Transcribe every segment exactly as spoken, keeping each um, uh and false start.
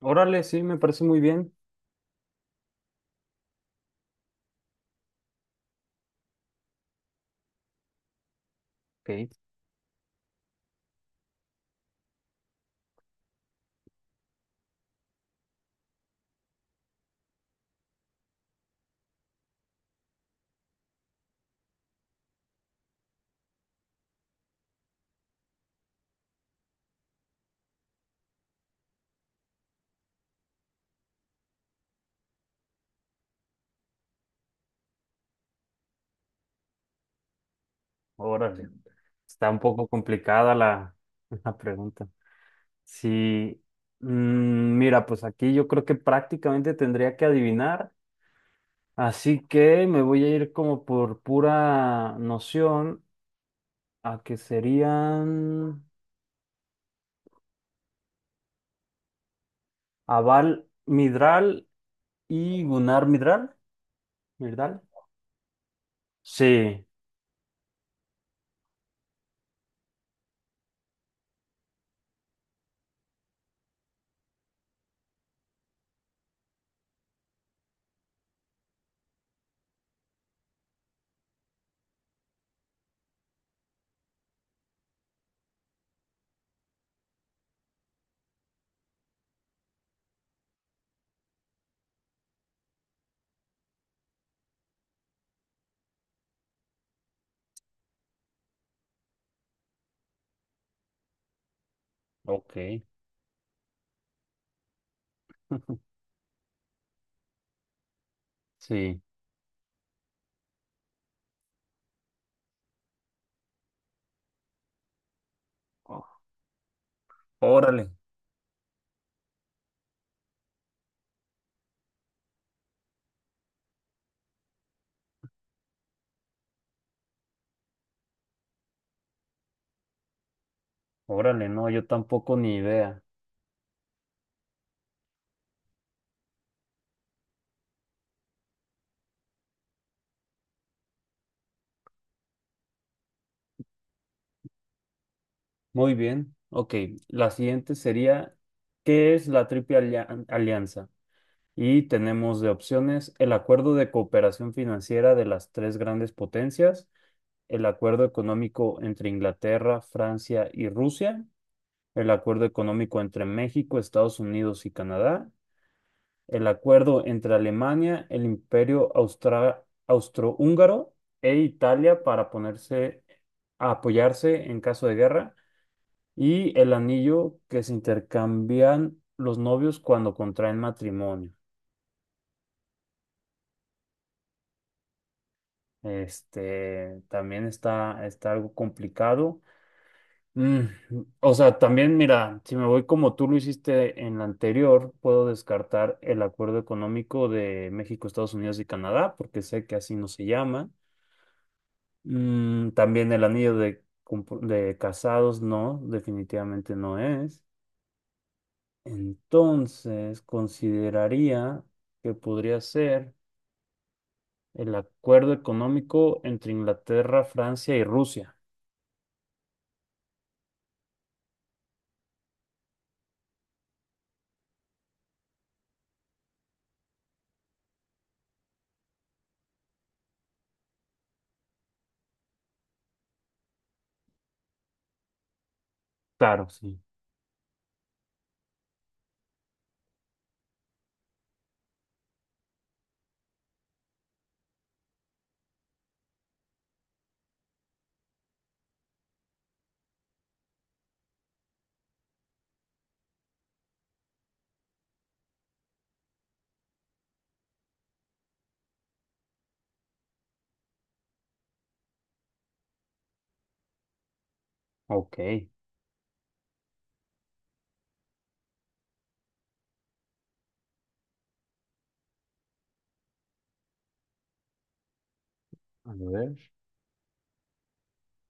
Órale, sí, me parece muy bien. Ok, órale. Está un poco complicada la, la pregunta. Sí, mm, mira, pues aquí yo creo que prácticamente tendría que adivinar, así que me voy a ir como por pura noción a que serían Aval Midral y Gunnar Midral. ¿Midral? Sí, ok, sí. Órale, órale, no, yo tampoco ni idea. Muy bien, ok. La siguiente sería, ¿qué es la Triple Alia- Alianza? Y tenemos de opciones el acuerdo de cooperación financiera de las tres grandes potencias, el acuerdo económico entre Inglaterra, Francia y Rusia, el acuerdo económico entre México, Estados Unidos y Canadá, el acuerdo entre Alemania, el Imperio Austra- austrohúngaro e Italia para ponerse a apoyarse en caso de guerra y el anillo que se intercambian los novios cuando contraen matrimonio. Este también está, está algo complicado. Mm, o sea, también mira, si me voy como tú lo hiciste en la anterior, puedo descartar el acuerdo económico de México, Estados Unidos y Canadá, porque sé que así no se llama. Mm, también el anillo de, compu- de casados, no, definitivamente no es. Entonces, consideraría que podría ser el acuerdo económico entre Inglaterra, Francia y Rusia. Claro, sí. Ok. A ver.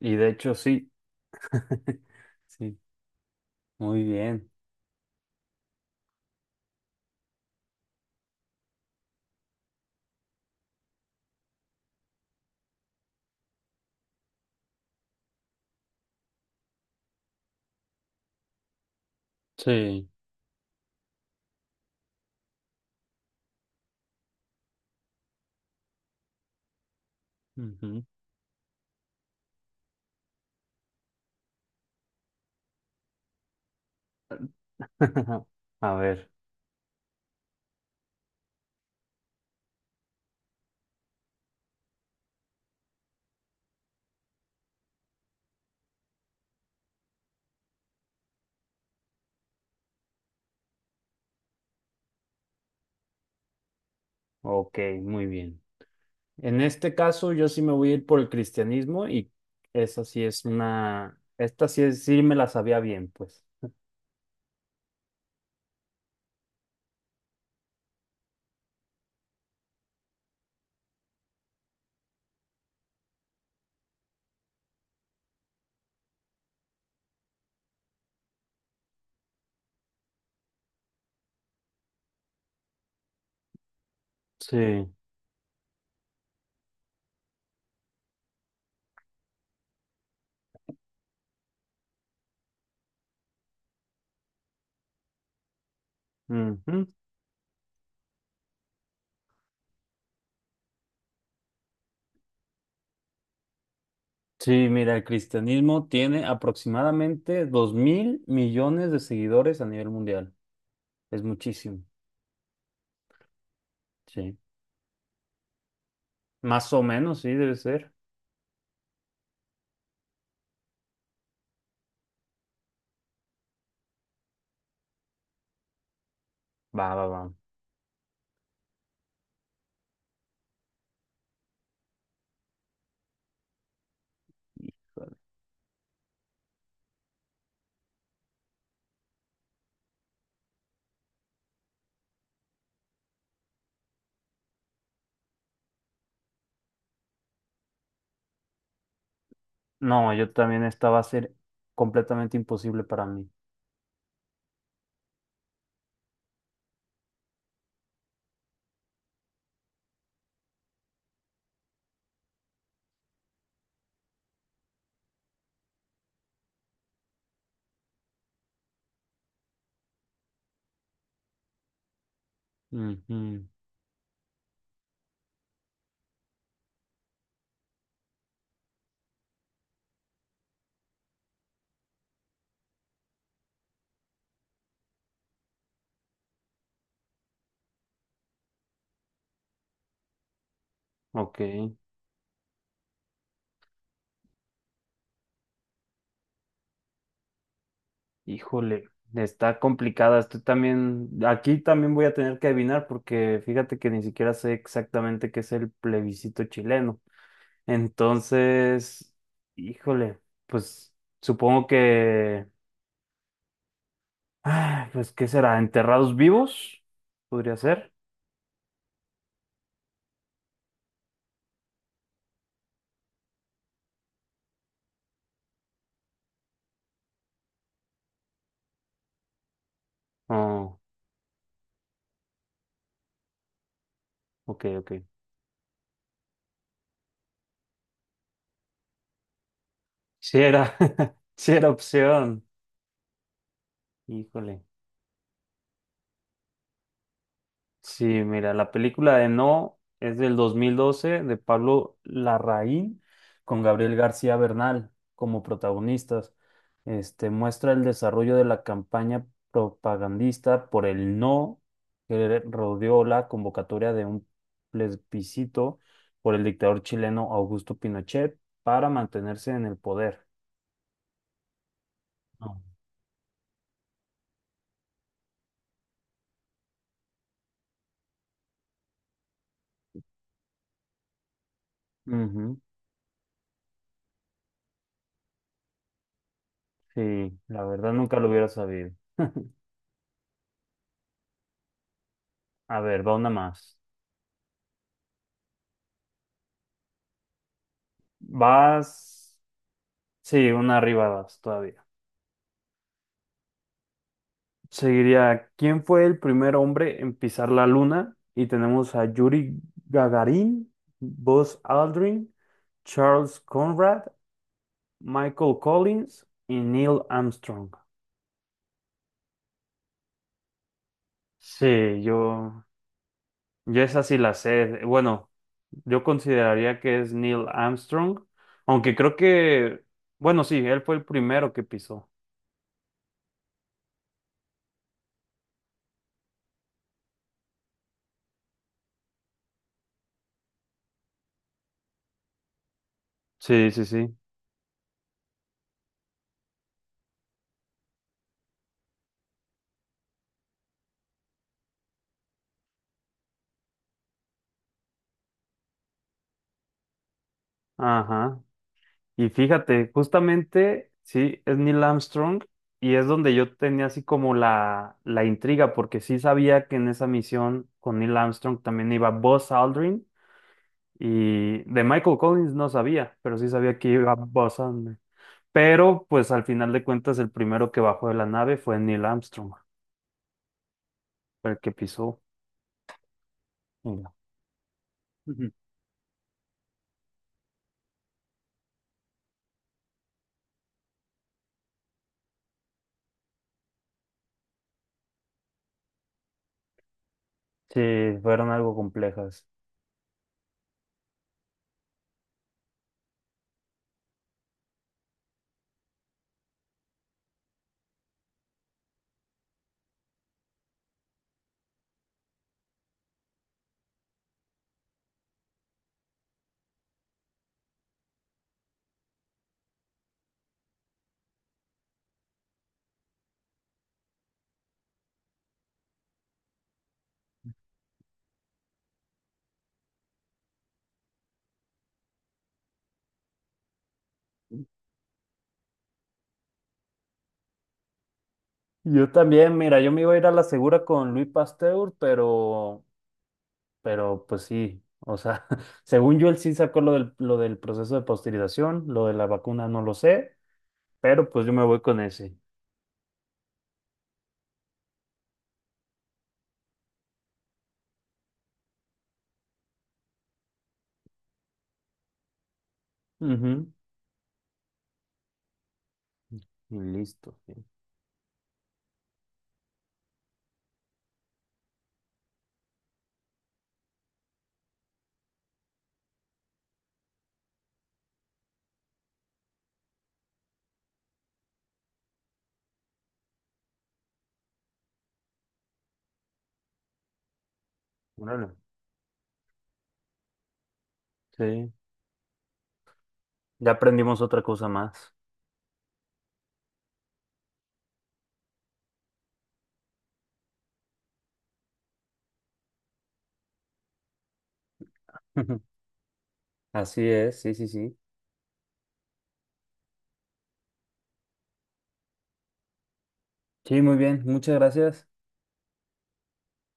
Y de hecho, sí. Sí, muy bien. Sí. Ujú. A ver, ok, muy bien. En este caso, yo sí me voy a ir por el cristianismo y esa sí es una, esta sí, es- sí me la sabía bien, pues. Sí. Ujú. Sí, mira, el cristianismo tiene aproximadamente dos mil millones de seguidores a nivel mundial. Es muchísimo, sí. Más o menos, sí, debe ser. Va, va, va. No, yo también esta va a ser completamente imposible para mí. Ujú, ok, híjole, está complicada. Estoy también, aquí también voy a tener que adivinar porque fíjate que ni siquiera sé exactamente qué es el plebiscito chileno. Entonces, híjole, pues supongo que, ah, pues, ¿qué será? ¿Enterrados vivos? ¿Podría ser? Oh, ok, ok. Sí era, sí era opción. Híjole. Sí, mira, la película de No es del dos mil doce de Pablo Larraín con Gabriel García Bernal como protagonistas. Este muestra el desarrollo de la campaña propagandista por el No que rodeó la convocatoria de un plebiscito por el dictador chileno Augusto Pinochet para mantenerse en el poder. No. Ujú, sí, la verdad nunca lo hubiera sabido. A ver, va una más. Vas. Sí, una arriba vas todavía. Seguiría, ¿quién fue el primer hombre en pisar la luna? Y tenemos a Yuri Gagarin, Buzz Aldrin, Charles Conrad, Michael Collins y Neil Armstrong. Sí, yo, yo esa sí la sé. Bueno, yo consideraría que es Neil Armstrong, aunque creo que, bueno, sí, él fue el primero que pisó. Sí, sí, sí. Ajá. Y fíjate, justamente, sí, es Neil Armstrong y es donde yo tenía así como la, la intriga, porque sí sabía que en esa misión con Neil Armstrong también iba Buzz Aldrin y de Michael Collins no sabía, pero sí sabía que iba Buzz Aldrin. Pero pues al final de cuentas el primero que bajó de la nave fue Neil Armstrong, fue el que pisó. Mira. Ujú. Sí, fueron algo complejas. Yo también, mira, yo me iba a ir a la segura con Louis Pasteur, pero Pero pues sí, o sea, según yo él sí sacó lo del, lo del proceso de pasteurización, lo de la vacuna no lo sé, pero pues yo me voy con ese. Ujú, y listo. Sí. Órale. Sí, ya aprendimos otra cosa más. Así es, sí, sí, sí. Sí, muy bien, muchas gracias.